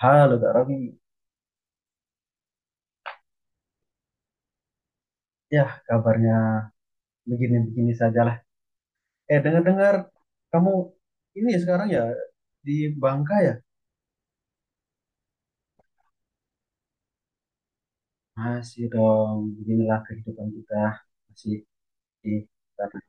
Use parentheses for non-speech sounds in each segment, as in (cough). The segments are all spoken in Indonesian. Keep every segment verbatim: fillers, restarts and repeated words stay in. Halo Kak Robi, ya kabarnya begini-begini sajalah. Eh dengar-dengar kamu ini sekarang ya di Bangka ya? Masih dong, beginilah kehidupan kita masih di sana.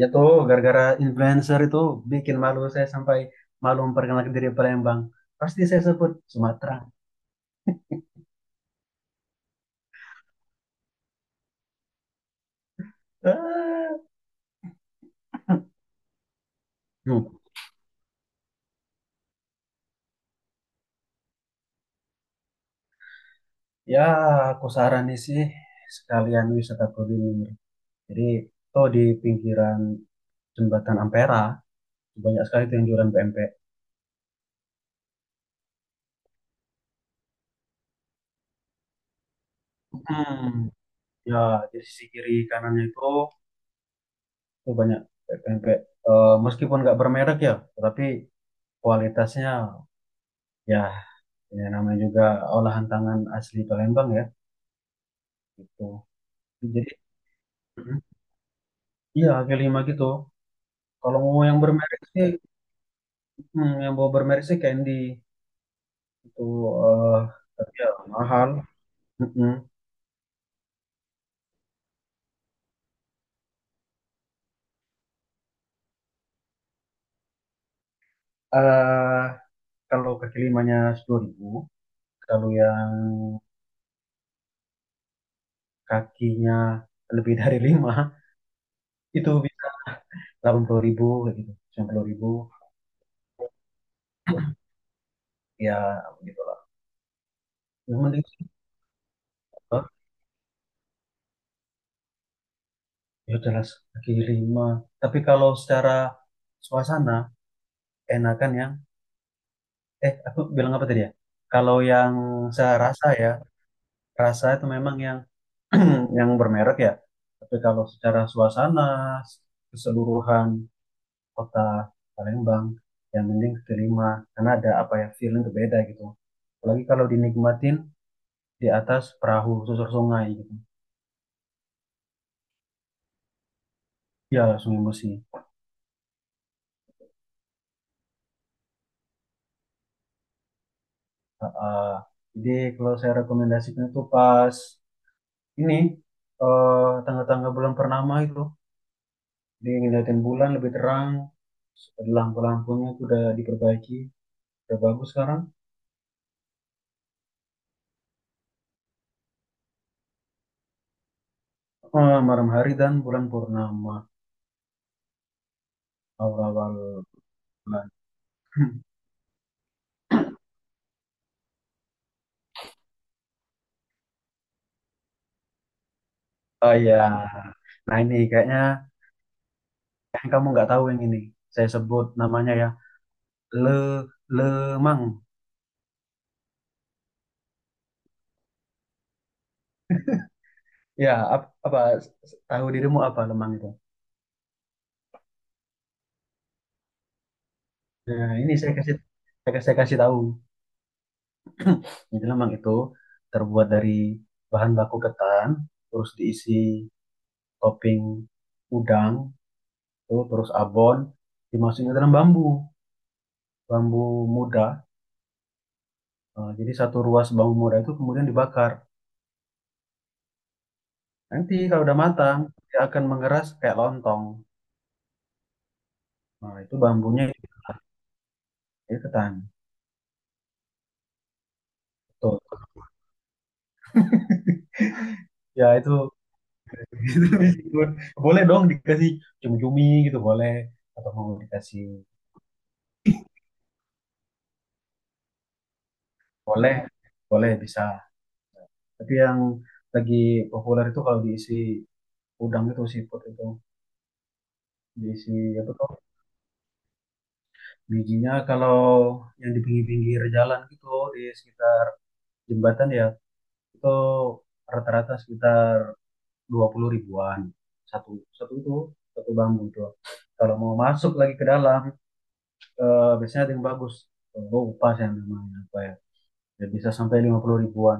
Ya tuh gara-gara influencer itu bikin malu saya sampai malu memperkenalkan diri Palembang. Pasti saya sebut Sumatera. Ah. Hmm. Ya aku saranin sih sekalian wisata kuliner. Jadi tuh di pinggiran jembatan Ampera banyak sekali tuh yang jualan P M P. Hmm, ya, di sisi kiri kanannya itu tuh banyak pempek. Eh, meskipun nggak bermerek ya, tapi kualitasnya ya, ya namanya juga olahan tangan asli Palembang ya, gitu. Jadi, mm, iya kaki lima gitu. Kalau mau yang bermerek sih, hmm, yang mau bermerek sih Candy itu, eh tapi ya mahal. Mm-mm. Eh, kalau kaki limanya sepuluh ribu, kalau yang kakinya lebih dari lima itu delapan puluh ribu kayak gitu, sembilan puluh ribu ya gitu. Yang penting sih, Pak, ya jelas kaki lima, tapi kalau secara suasana enakan yang, eh aku bilang apa tadi ya, kalau yang saya rasa ya, rasa itu memang yang (clears throat) yang bermerek ya. Tapi kalau secara suasana keseluruhan kota Palembang, yang penting kaki lima, karena ada apa ya, feeling berbeda gitu. Apalagi kalau dinikmatin di atas perahu susur sungai gitu, ya, sungai Musi. Heeh. Jadi kalau saya rekomendasikan itu pas ini eh, tanggal-tanggal bulan purnama itu, jadi ngeliatin bulan lebih terang, ada lampu-lampunya itu udah diperbaiki, udah bagus sekarang. Eh, malam hari dan bulan purnama awal-awal bulan. (laughs) Oh ya, nah ini kayaknya kayaknya kamu nggak tahu yang ini. Saya sebut namanya ya le lemang. Ya ap- apa tahu dirimu apa lemang itu? Nah ini saya kasih saya, saya kasih tahu. Jadi lemang itu terbuat dari bahan baku ketan, terus diisi topping udang, tuh, terus abon, dimasukin ke dalam bambu, bambu muda. Nah, jadi satu ruas bambu muda itu kemudian dibakar. Nanti kalau udah matang, dia akan mengeras kayak lontong. Nah, itu bambunya itu ketan. Betul. Ya itu, (laughs) itu meskipun boleh dong dikasih cumi-cumi gitu, boleh, atau mau dikasih boleh, boleh bisa. Tapi yang lagi populer itu kalau diisi udang itu siput itu, diisi apa tuh bijinya, kalau yang di pinggir-pinggir jalan gitu di sekitar jembatan ya, itu rata-rata sekitar dua puluh ribuan satu, satu itu satu bambu itu. Kalau mau masuk lagi ke dalam, eh, biasanya ada yang bagus. Oh, upas yang namanya apa ya? Ya, bisa sampai lima puluh ribuan.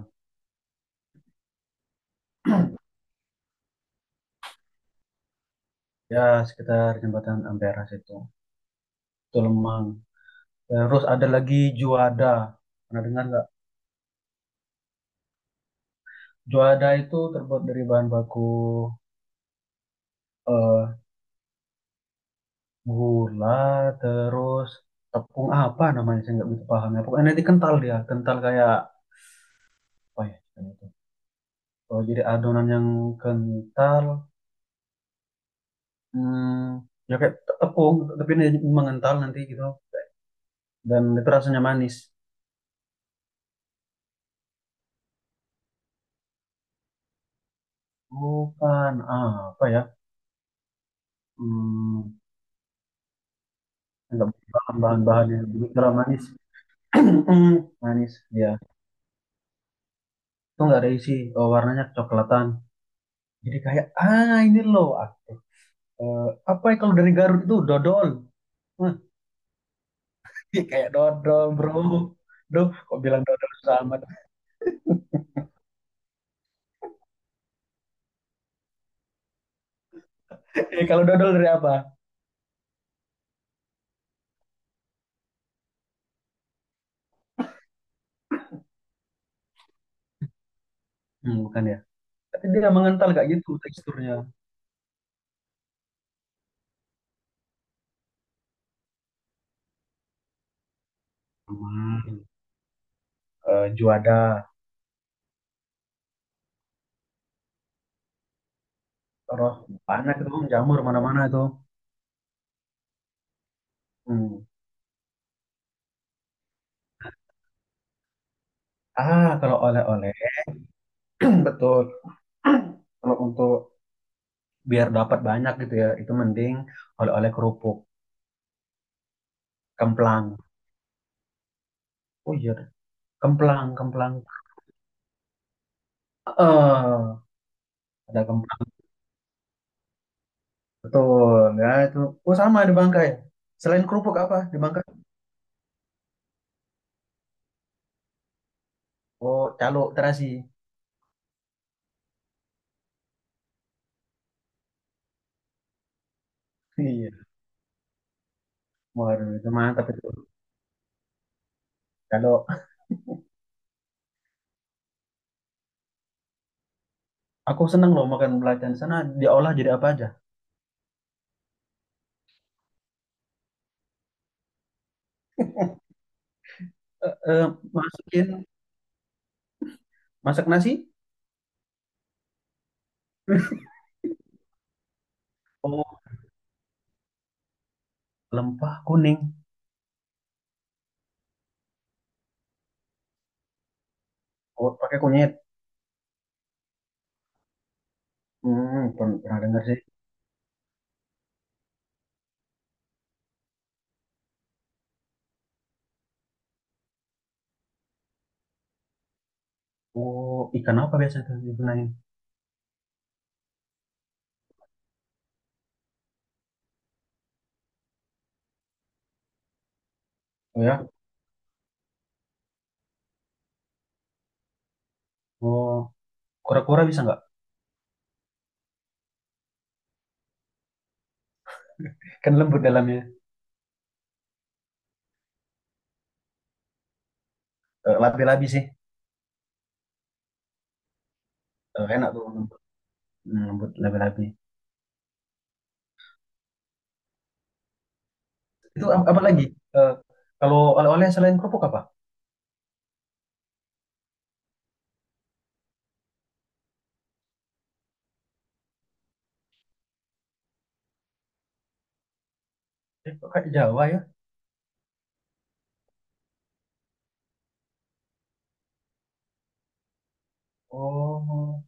Ya sekitar jembatan Ampera situ. Itu lemang. Terus ada lagi juada. Pernah dengar nggak? Juada itu terbuat dari bahan baku eh, gula, terus tepung apa namanya saya nggak begitu paham ya. Pokoknya nanti kental dia, kental kayak apa ya? Istilahnya itu? Oh, jadi adonan yang kental, hmm, ya kayak te- tepung, tapi ini mengental nanti gitu. Dan itu rasanya manis. Bukan apa ya? Hmm, nggak paham bahan-bahannya. Jadi manis, (clears throat) manis, ya. Itu nggak ada isi. Oh, warnanya kecoklatan, jadi kayak, ah ini loh aku, eh, apa ya kalau dari Garut itu dodol. Wah, (laughs) kayak dodol bro. Duh, kok bilang dodol sama (laughs) eh, kalau dodol dari apa. Hmm, bukan ya, tapi dia mengental kayak gitu teksturnya. Hmm. eh, juada terus panas itu jamur mana-mana itu. Hmm. Ah kalau oleh-oleh, (clears throat) betul. (clears throat) Kalau untuk biar dapat banyak gitu ya, itu mending oleh-oleh kerupuk kemplang. Oh iya. Kemplang, kemplang. Eh, ada kemplang. Betul. Ya itu. Oh, sama di Bangkai. Selain kerupuk apa di Bangkai? Oh, calo terasi. Iya. Waduh, itu mantap itu. Calo. Aku seneng loh makan belacan di sana, diolah jadi apa aja. Eh, eh, masukin masak nasi. Oh, lempah kuning. Oh, pakai kunyit. Hmm, pern- pernah dengar sih. Oh, ikan apa biasa itu digunain? Oh ya. Oh, kura-kura bisa nggak? Kan lembut dalamnya. Eh, labi-labi sih. Eh, enak tuh lembut. Hmm, lembut labi-labi. Itu ap- apa lagi? Eh, kalau oleh-oleh selain kerupuk apa? Eh, kok kayak Jawa ya? Oh,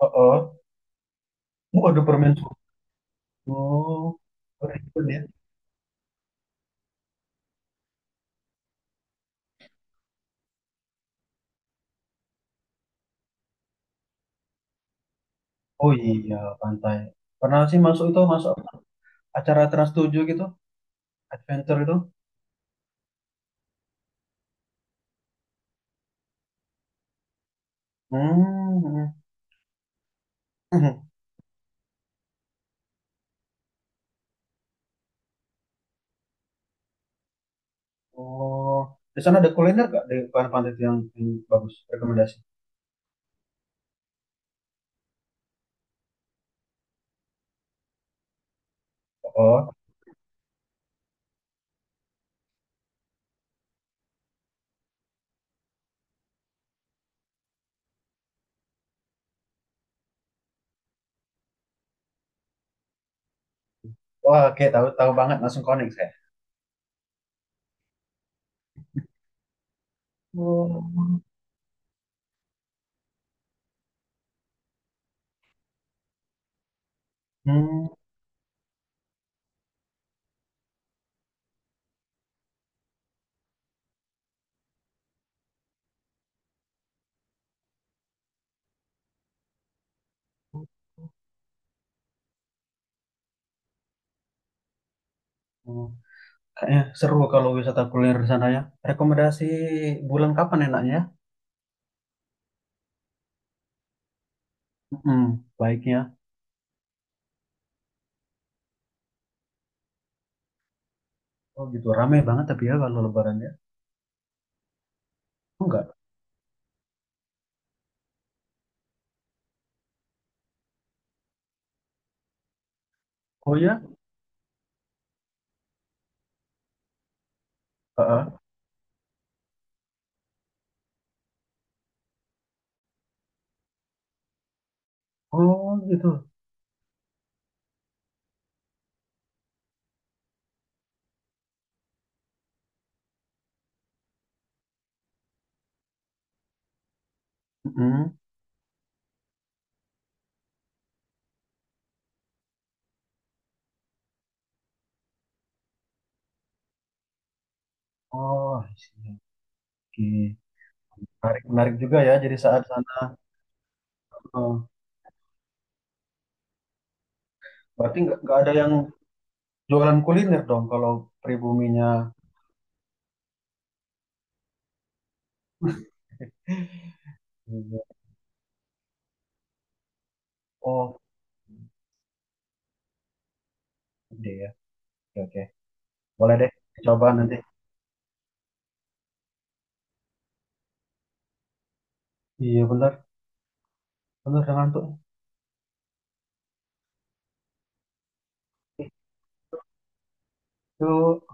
oh, oh. Oh, ada permen susu. Oh, ribet ya. Oh iya, pantai. Pernah sih masuk itu, masuk apa? Acara Trans tujuh gitu, adventure itu. Hmm. (clears throat) (laughs) Oh, di sana ada kuliner gak di pantai itu, yang, yang bagus, rekomendasi? Oh, wah, oke, tahu tahu banget langsung connect saya. Oh. Hmm. Hmm. Kayaknya seru kalau wisata kuliner di sana ya. Rekomendasi bulan kapan enaknya? Hmm, baiknya. Oh gitu, rame banget tapi ya kalau lebarannya. Oh, enggak. Oh ya? Heeh. Oh gitu. Mm-mm. Oh, I see. Oke. Menarik, menarik juga ya jadi saat sana. Oh, berarti nggak nggak ada yang jualan kuliner dong kalau pribuminya. Iya. Oh, ide ya. Oke, oke. Boleh deh, coba nanti. Iya benar, benar ngantuk. Yuk.